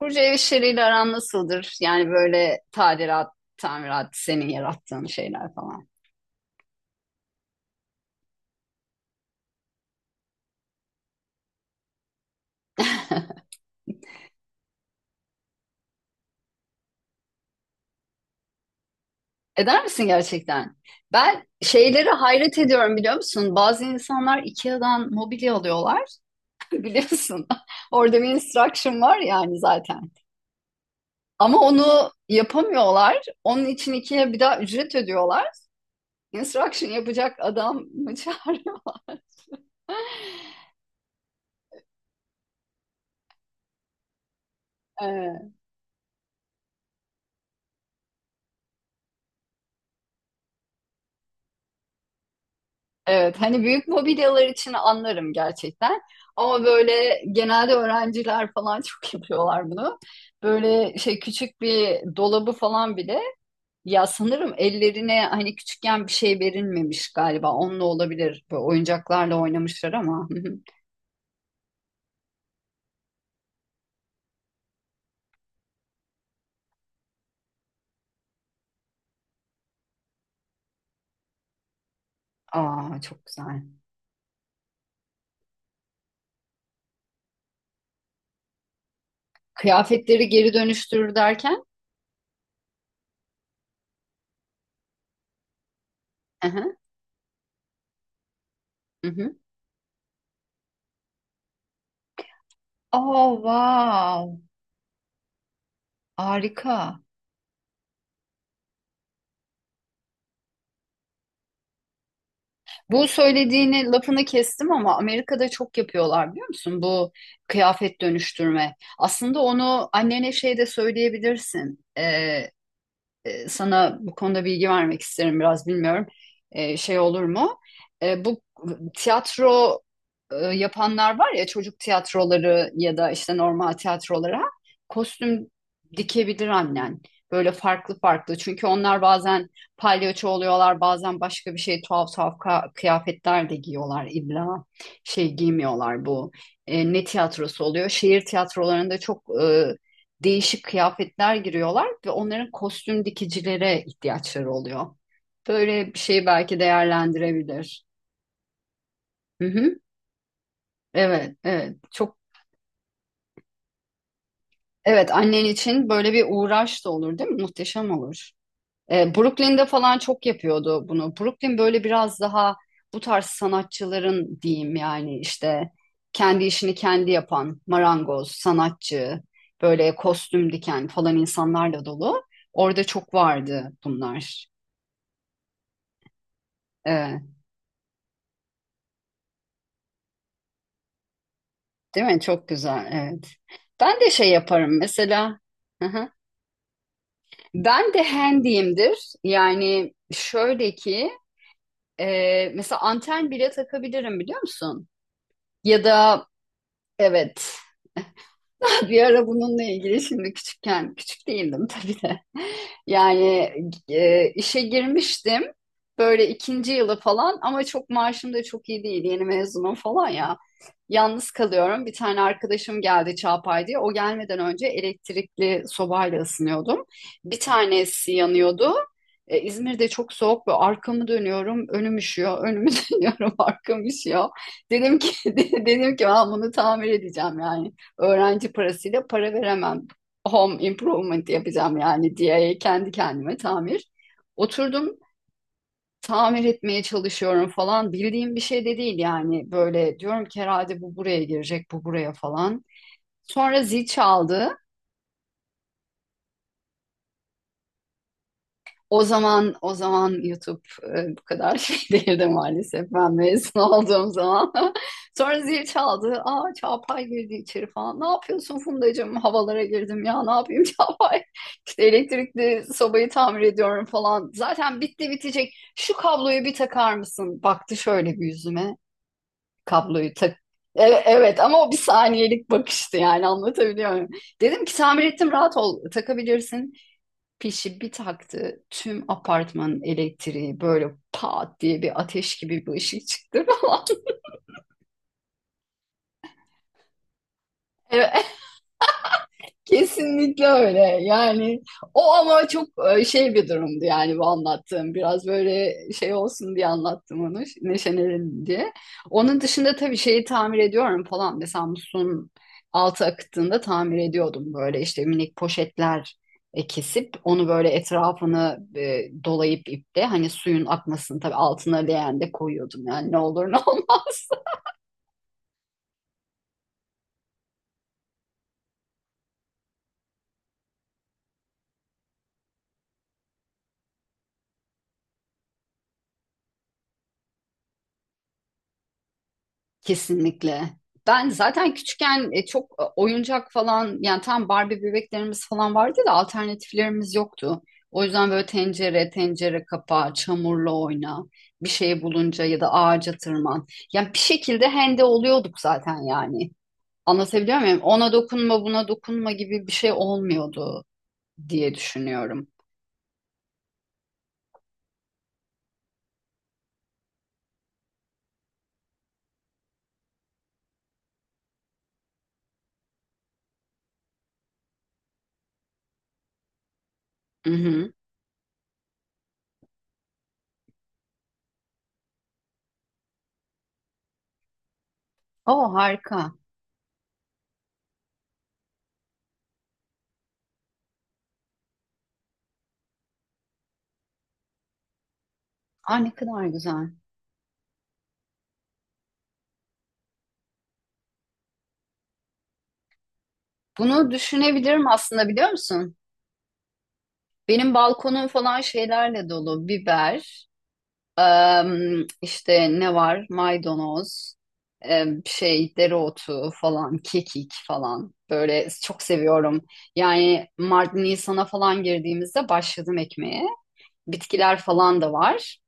Burcu ev işleriyle aran nasıldır? Yani böyle tadilat, tamirat, senin yarattığın şeyler falan. Eder misin gerçekten? Ben şeylere hayret ediyorum biliyor musun? Bazı insanlar IKEA'dan mobilya alıyorlar biliyorsun. Orada bir instruction var yani zaten. Ama onu yapamıyorlar. Onun için IKEA bir daha ücret ödüyorlar. Instruction yapacak adam mı çağırıyorlar? Ee, Evet, hani büyük mobilyalar için anlarım gerçekten. Ama böyle genelde öğrenciler falan çok yapıyorlar bunu. Böyle şey küçük bir dolabı falan bile ya sanırım ellerine hani küçükken bir şey verilmemiş galiba. Onunla olabilir. Böyle oyuncaklarla oynamışlar ama. Hı hı. Aa çok güzel. Kıyafetleri geri dönüştürür derken. Hı hı, hı hı. Aa wow. Harika. Bu söylediğini lafını kestim ama Amerika'da çok yapıyorlar biliyor musun? Bu kıyafet dönüştürme. Aslında onu annene şey de söyleyebilirsin. Sana bu konuda bilgi vermek isterim biraz bilmiyorum şey olur mu? Bu tiyatro yapanlar var ya çocuk tiyatroları ya da işte normal tiyatrolara kostüm dikebilir annen. Böyle farklı farklı çünkü onlar bazen palyaço oluyorlar bazen başka bir şey tuhaf tuhaf kıyafetler de giyiyorlar illa şey giymiyorlar bu ne tiyatrosu oluyor şehir tiyatrolarında çok değişik kıyafetler giriyorlar ve onların kostüm dikicilere ihtiyaçları oluyor. Böyle bir şeyi belki değerlendirebilir. Hı hı. Evet, evet. Çok evet annen için böyle bir uğraş da olur değil mi? Muhteşem olur. Brooklyn'de falan çok yapıyordu bunu. Brooklyn böyle biraz daha bu tarz sanatçıların diyeyim yani işte kendi işini kendi yapan marangoz, sanatçı, böyle kostüm diken falan insanlarla dolu. Orada çok vardı bunlar. Ee, Değil mi? Çok güzel. Evet. Ben de şey yaparım mesela. Hı hı. Ben de handyimdir. Yani şöyle ki mesela anten bile takabilirim biliyor musun? Ya da evet. Bir ara bununla ilgili şimdi küçükken, küçük değildim tabii de. Yani işe girmiştim böyle ikinci yılı falan ama çok maaşım da çok iyi değil. Yeni mezunum falan ya. Yalnız kalıyorum. Bir tane arkadaşım geldi Çağpay diye. O gelmeden önce elektrikli sobayla ısınıyordum. Bir tanesi yanıyordu. İzmir'de çok soğuk ve arkamı dönüyorum, önüm üşüyor, önümü dönüyorum, arkam üşüyor. Dedim ki dedim ki ben bunu tamir edeceğim yani öğrenci parasıyla para veremem. Home improvement yapacağım yani diye kendi kendime tamir. Oturdum tamir etmeye çalışıyorum falan. Bildiğim bir şey de değil yani. Böyle diyorum ki herhalde bu buraya girecek, bu buraya falan. Sonra zil çaldı. O zaman YouTube bu kadar şey değildi maalesef. Ben mezun olduğum zaman. Sonra zil çaldı. Aa Çağatay girdi içeri falan. Ne yapıyorsun Fundacığım? Havalara girdim ya. Ne yapayım Çağatay? İşte elektrikli sobayı tamir ediyorum falan. Zaten bitti bitecek. Şu kabloyu bir takar mısın? Baktı şöyle bir yüzüme. Kabloyu tak. Evet, evet ama o bir saniyelik bakıştı yani anlatabiliyor muyum? Dedim ki tamir ettim rahat ol takabilirsin. Pişi bir taktı tüm apartmanın elektriği böyle pat diye bir ateş gibi bir ışık çıktı falan. Evet, kesinlikle öyle. Yani o ama çok şey bir durumdu yani bu anlattığım. Biraz böyle şey olsun diye anlattım onu, neşelenelim diye. Onun dışında tabii şeyi tamir ediyorum falan. Mesela musluğun altı akıttığında tamir ediyordum. Böyle işte minik poşetler kesip onu böyle etrafını dolayıp iple hani suyun akmasını tabii altına leğen de koyuyordum. Yani ne olur ne olmaz. Kesinlikle. Ben zaten küçükken çok oyuncak falan yani tam Barbie bebeklerimiz falan vardı da alternatiflerimiz yoktu. O yüzden böyle tencere, tencere kapağı, çamurla oyna, bir şey bulunca ya da ağaca tırman. Yani bir şekilde hende oluyorduk zaten yani. Anlatabiliyor muyum? Ona dokunma, buna dokunma gibi bir şey olmuyordu diye düşünüyorum. Hı hı. O harika. Aa, ne kadar güzel. Bunu düşünebilirim aslında biliyor musun? Benim balkonum falan şeylerle dolu. Biber, em, işte ne var? Maydanoz, em, şey dereotu falan, kekik falan. Böyle çok seviyorum. Yani Mart Nisan'a falan girdiğimizde başladım ekmeğe. Bitkiler falan da var.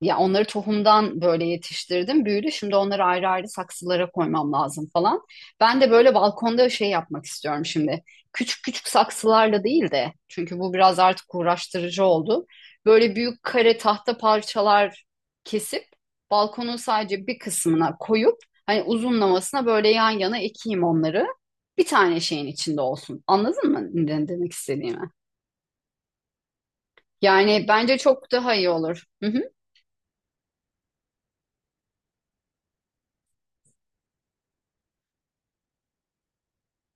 Ya onları tohumdan böyle yetiştirdim, büyüdü. Şimdi onları ayrı ayrı saksılara koymam lazım falan. Ben de böyle balkonda şey yapmak istiyorum şimdi. Küçük küçük saksılarla değil de çünkü bu biraz artık uğraştırıcı oldu. Böyle büyük kare tahta parçalar kesip balkonun sadece bir kısmına koyup hani uzunlamasına böyle yan yana ekeyim onları. Bir tane şeyin içinde olsun. Anladın mı ne demek istediğimi? Yani bence çok daha iyi olur. Hı hı.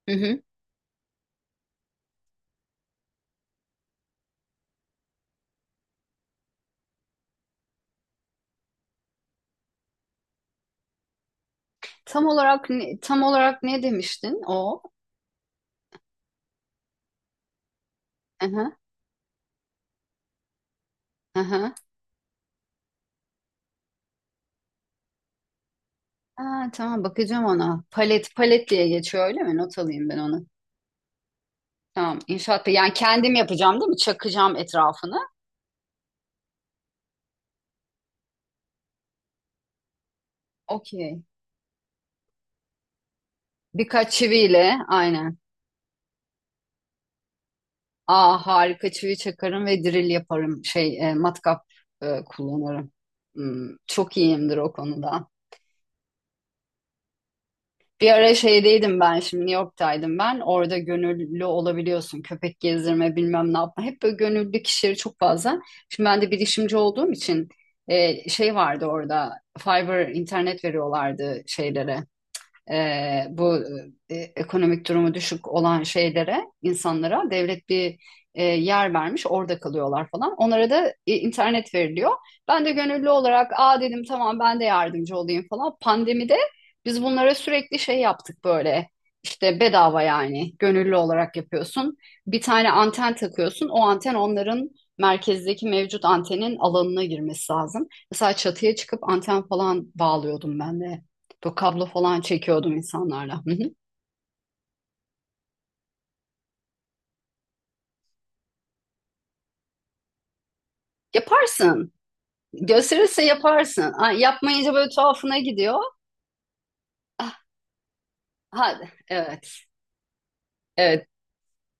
Hı hı. Tam olarak ne demiştin o? Aha, aha. Ha, tamam bakacağım ona. Palet palet diye geçiyor öyle mi? Not alayım ben onu. Tamam inşaat yani kendim yapacağım değil mi? Çakacağım etrafını. Okey. Birkaç çiviyle aynen. Aa harika çivi çakarım ve drill yaparım. Şey matkap kullanırım. Hmm, çok iyiyimdir o konuda. Bir ara şeydeydim ben şimdi New York'taydım ben. Orada gönüllü olabiliyorsun. Köpek gezdirme bilmem ne yapma. Hep böyle gönüllü kişileri çok fazla. Şimdi ben de bilişimci olduğum için şey vardı orada. Fiber internet veriyorlardı şeylere e, bu ekonomik durumu düşük olan şeylere, insanlara devlet bir yer vermiş, orada kalıyorlar falan. Onlara da internet veriliyor. Ben de gönüllü olarak, aa dedim tamam ben de yardımcı olayım falan. Pandemide biz bunlara sürekli şey yaptık böyle. İşte bedava yani gönüllü olarak yapıyorsun. Bir tane anten takıyorsun. O anten onların merkezdeki mevcut antenin alanına girmesi lazım. Mesela çatıya çıkıp anten falan bağlıyordum ben de bu kablo falan çekiyordum insanlarla. Hı hı. Yaparsın. Gösterirse yaparsın. Ha, yapmayınca böyle tuhafına gidiyor. Ah, hadi. Evet. Evet.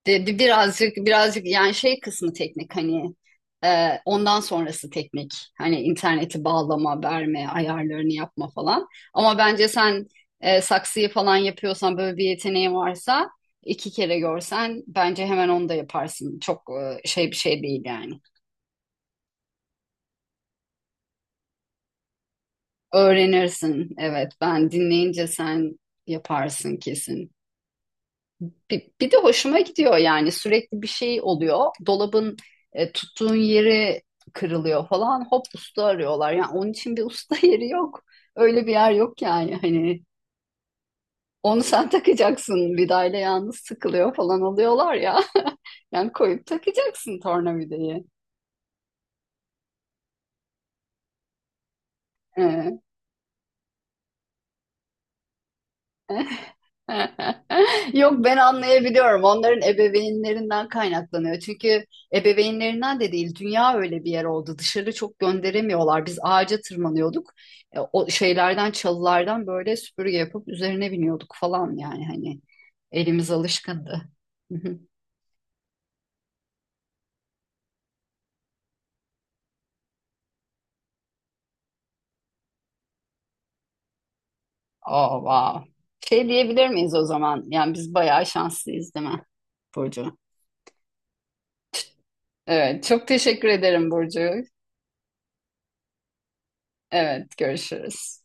Birazcık yani şey kısmı teknik hani ondan sonrası teknik. Hani interneti bağlama, verme, ayarlarını yapma falan. Ama bence sen saksıyı falan yapıyorsan böyle bir yeteneğin varsa iki kere görsen bence hemen onu da yaparsın. Çok şey bir şey değil yani. Öğrenirsin. Evet, ben dinleyince sen yaparsın kesin. Bir de hoşuma gidiyor yani sürekli bir şey oluyor. Dolabın tuttuğun yeri kırılıyor falan. Hop usta arıyorlar. Yani onun için bir usta yeri yok. Öyle bir yer yok yani. Hani onu sen takacaksın. Vidayla yalnız sıkılıyor falan oluyorlar ya. Yani koyup takacaksın tornavidayı. Ee, e? Yok ben anlayabiliyorum. Onların ebeveynlerinden kaynaklanıyor. Çünkü ebeveynlerinden de değil, dünya öyle bir yer oldu. Dışarı çok gönderemiyorlar. Biz ağaca tırmanıyorduk. E, o şeylerden, çalılardan böyle süpürge yapıp üzerine biniyorduk falan yani hani elimiz alışkındı. Oh, wow. Şey diyebilir miyiz o zaman? Yani biz bayağı şanslıyız değil mi Burcu? Evet, çok teşekkür ederim Burcu. Evet, görüşürüz.